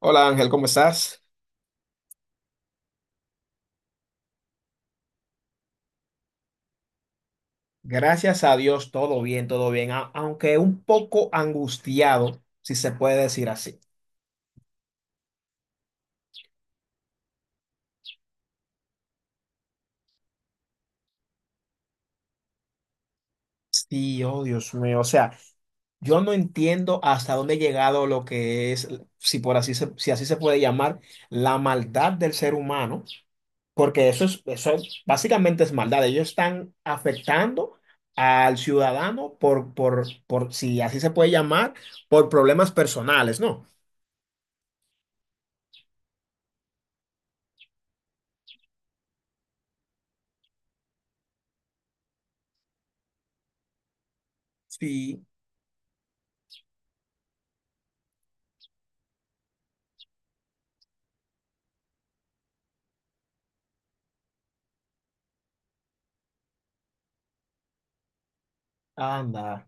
Hola Ángel, ¿cómo estás? Gracias a Dios, todo bien, aunque un poco angustiado, si se puede decir así. Sí, oh Dios mío, o sea, yo no entiendo hasta dónde ha llegado lo que es, si así se puede llamar, la maldad del ser humano, porque eso es, básicamente es maldad. Ellos están afectando al ciudadano por, si así se puede llamar, por problemas personales, ¿no? Sí, anda.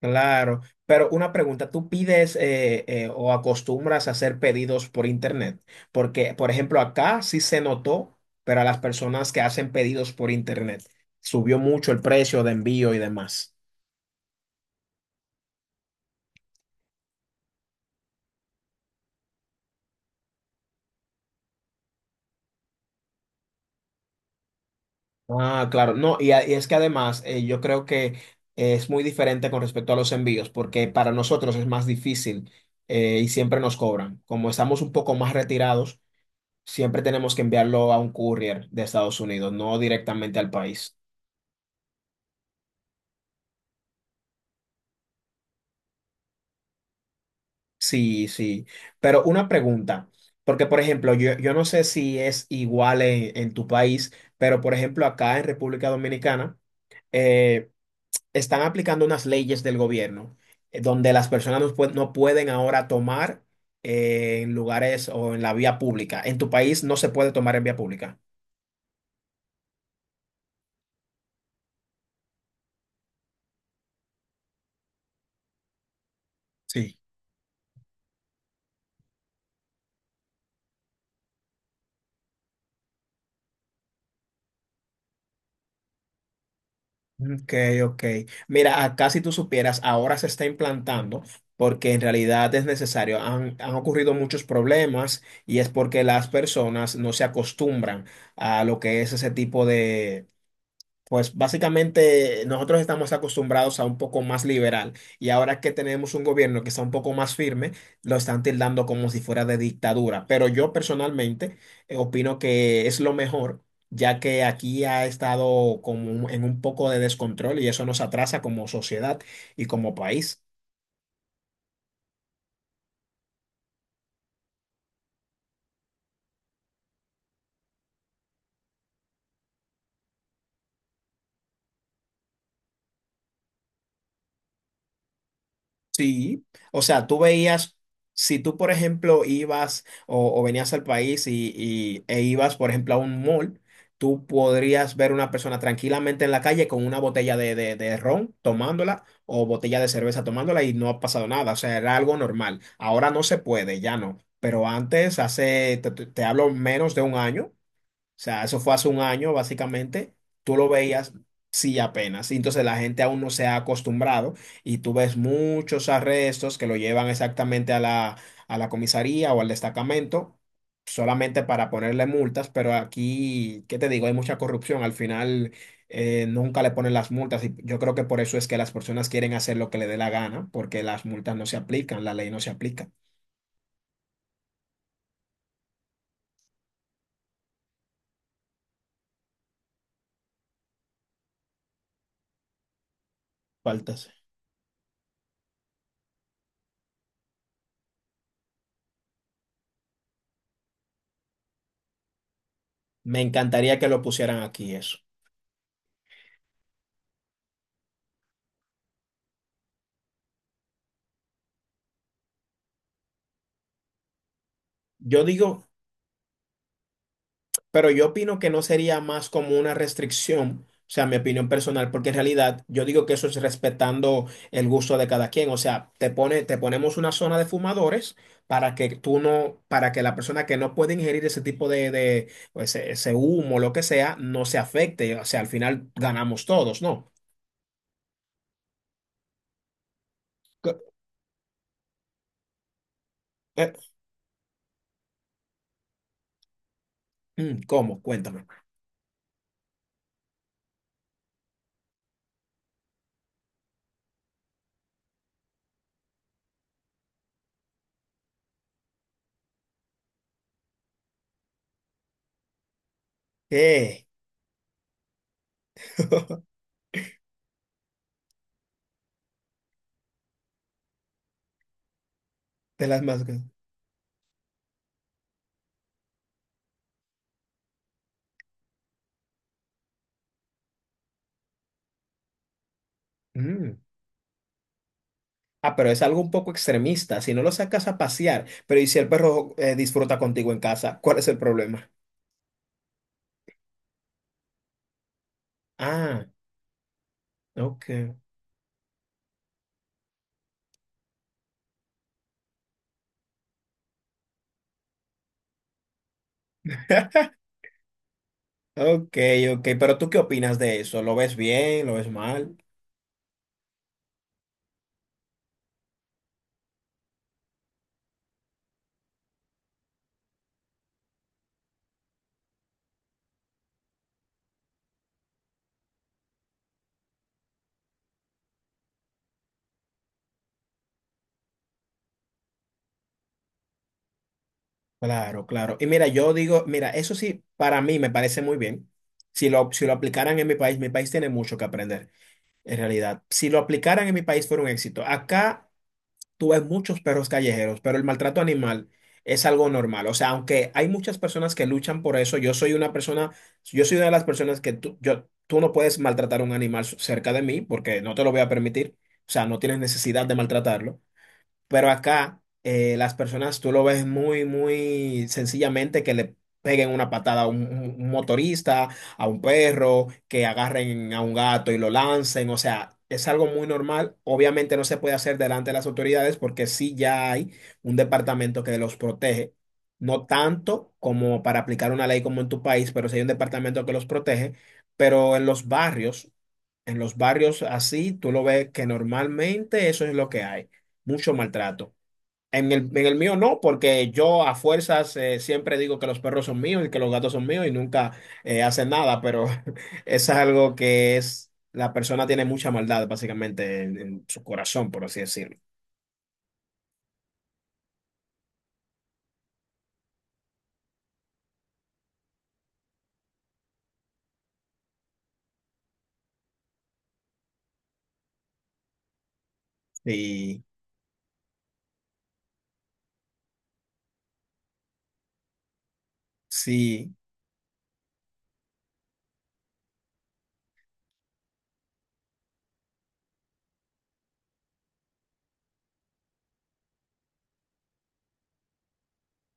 Claro, pero una pregunta, ¿tú pides o acostumbras a hacer pedidos por internet? Porque, por ejemplo, acá sí se notó, pero a las personas que hacen pedidos por internet subió mucho el precio de envío y demás. Ah, claro, no, y es que además yo creo que es muy diferente con respecto a los envíos, porque para nosotros es más difícil y siempre nos cobran. Como estamos un poco más retirados, siempre tenemos que enviarlo a un courier de Estados Unidos, no directamente al país. Sí, sí, pero una pregunta, porque por ejemplo, yo no sé si es igual en tu país, pero por ejemplo acá en República Dominicana eh, están aplicando unas leyes del gobierno donde las personas no pueden ahora tomar en lugares o en la vía pública. En tu país no se puede tomar en vía pública. Sí. Ok, ok. Mira, acá si tú supieras, ahora se está implantando porque en realidad es necesario. Han ocurrido muchos problemas y es porque las personas no se acostumbran a lo que es ese tipo de. Pues básicamente nosotros estamos acostumbrados a un poco más liberal y ahora que tenemos un gobierno que está un poco más firme, lo están tildando como si fuera de dictadura. Pero yo personalmente opino que es lo mejor, ya que aquí ha estado en un poco de descontrol y eso nos atrasa como sociedad y como país. Sí, o sea, tú veías, si tú, por ejemplo, ibas o venías al país e ibas, por ejemplo, a un mall, tú podrías ver una persona tranquilamente en la calle con una botella de ron tomándola o botella de cerveza tomándola y no ha pasado nada, o sea, era algo normal. Ahora no se puede, ya no, pero antes, hace, te hablo menos de un año sea, eso fue hace un año, básicamente. Tú lo veías, sí, apenas. Y entonces la gente aún no se ha acostumbrado y tú ves muchos arrestos que lo llevan exactamente a la comisaría o al destacamento solamente para ponerle multas, pero aquí, ¿qué te digo? Hay mucha corrupción. Al final nunca le ponen las multas y yo creo que por eso es que las personas quieren hacer lo que le dé la gana, porque las multas no se aplican, la ley no se aplica. Faltas. Me encantaría que lo pusieran aquí eso. Yo digo. Pero yo opino que no sería más como una restricción, o sea, mi opinión personal, porque en realidad yo digo que eso es respetando el gusto de cada quien, o sea, te ponemos una zona de fumadores para que tú no, para que la persona que no puede ingerir ese tipo de o ese humo, lo que sea, no se afecte, o sea, al final ganamos todos, ¿no? Co- eh, ¿Cómo? Cuéntame. Eh, de las más grandes. Ah, pero es algo un poco extremista. Si no lo sacas a pasear, pero ¿y si el perro disfruta contigo en casa? ¿Cuál es el problema? Ah, ok. Ok, ok. Pero ¿tú qué opinas de eso? ¿Lo ves bien? ¿Lo ves mal? Claro, claro. Y mira, yo digo, mira, eso sí, para mí me parece muy bien. Si lo aplicaran en mi país tiene mucho que aprender, en realidad. Si lo aplicaran en mi país fuera un éxito. Acá. Tú ves muchos perros callejeros, pero el maltrato animal es algo normal. O sea, aunque hay muchas personas que luchan por eso, yo soy una de las personas que tú no puedes maltratar un animal cerca de mí porque no te lo voy a permitir. O sea, no tienes necesidad de maltratarlo. Pero acá las personas tú lo ves muy, muy sencillamente que le peguen una patada a un motorista, a un perro, que agarren a un gato y lo lancen. O sea, es algo muy normal. Obviamente no se puede hacer delante de las autoridades porque sí ya hay un departamento que los protege. No tanto como para aplicar una ley como en tu país, pero sí hay un departamento que los protege. Pero en los barrios. En los barrios así, tú lo ves que normalmente eso es lo que hay, mucho maltrato. En el mío no, porque yo a fuerzas siempre digo que los perros son míos y que los gatos son míos y nunca hacen nada, pero es algo que es, la persona tiene mucha maldad básicamente en su corazón, por así decirlo. Sí, sí,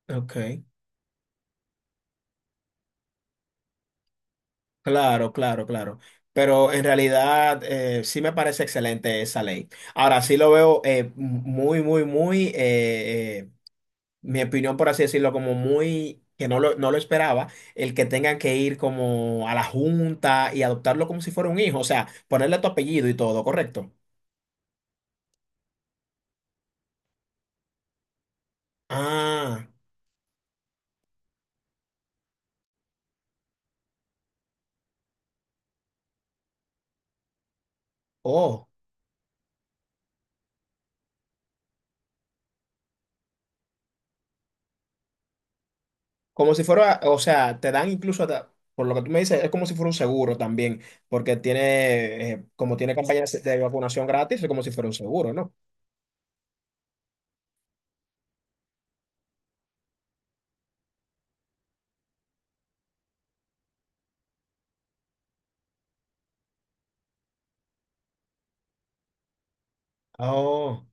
ok, claro, claro, claro. Pero en realidad sí me parece excelente esa ley. Ahora sí lo veo muy, muy, muy, mi opinión, por así decirlo, como muy, que no lo esperaba, el que tengan que ir como a la junta y adoptarlo como si fuera un hijo, o sea, ponerle tu apellido y todo, ¿correcto? Ah, oh, como si fuera, o sea, te dan incluso, por lo que tú me dices, es como si fuera un seguro también, porque como tiene campañas de vacunación gratis, es como si fuera un seguro, ¿no? Oh.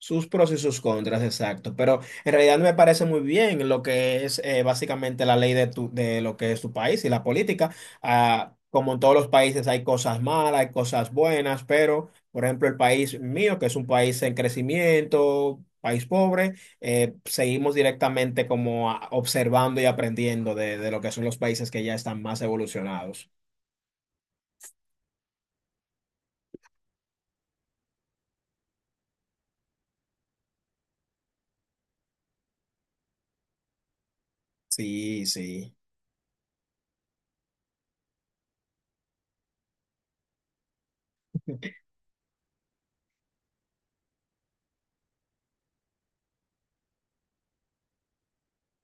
Sus pros y sus contras, exacto. Pero en realidad me parece muy bien lo que es básicamente la ley de lo que es tu país y la política. Ah, como en todos los países hay cosas malas, hay cosas buenas, pero por ejemplo el país mío, que es un país en crecimiento, país pobre, seguimos directamente como observando y aprendiendo de lo que son los países que ya están más evolucionados. Sí, sí.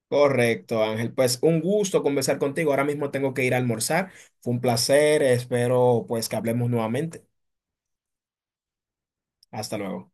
Correcto, Ángel. Pues un gusto conversar contigo. Ahora mismo tengo que ir a almorzar. Fue un placer. Espero pues que hablemos nuevamente. Hasta luego.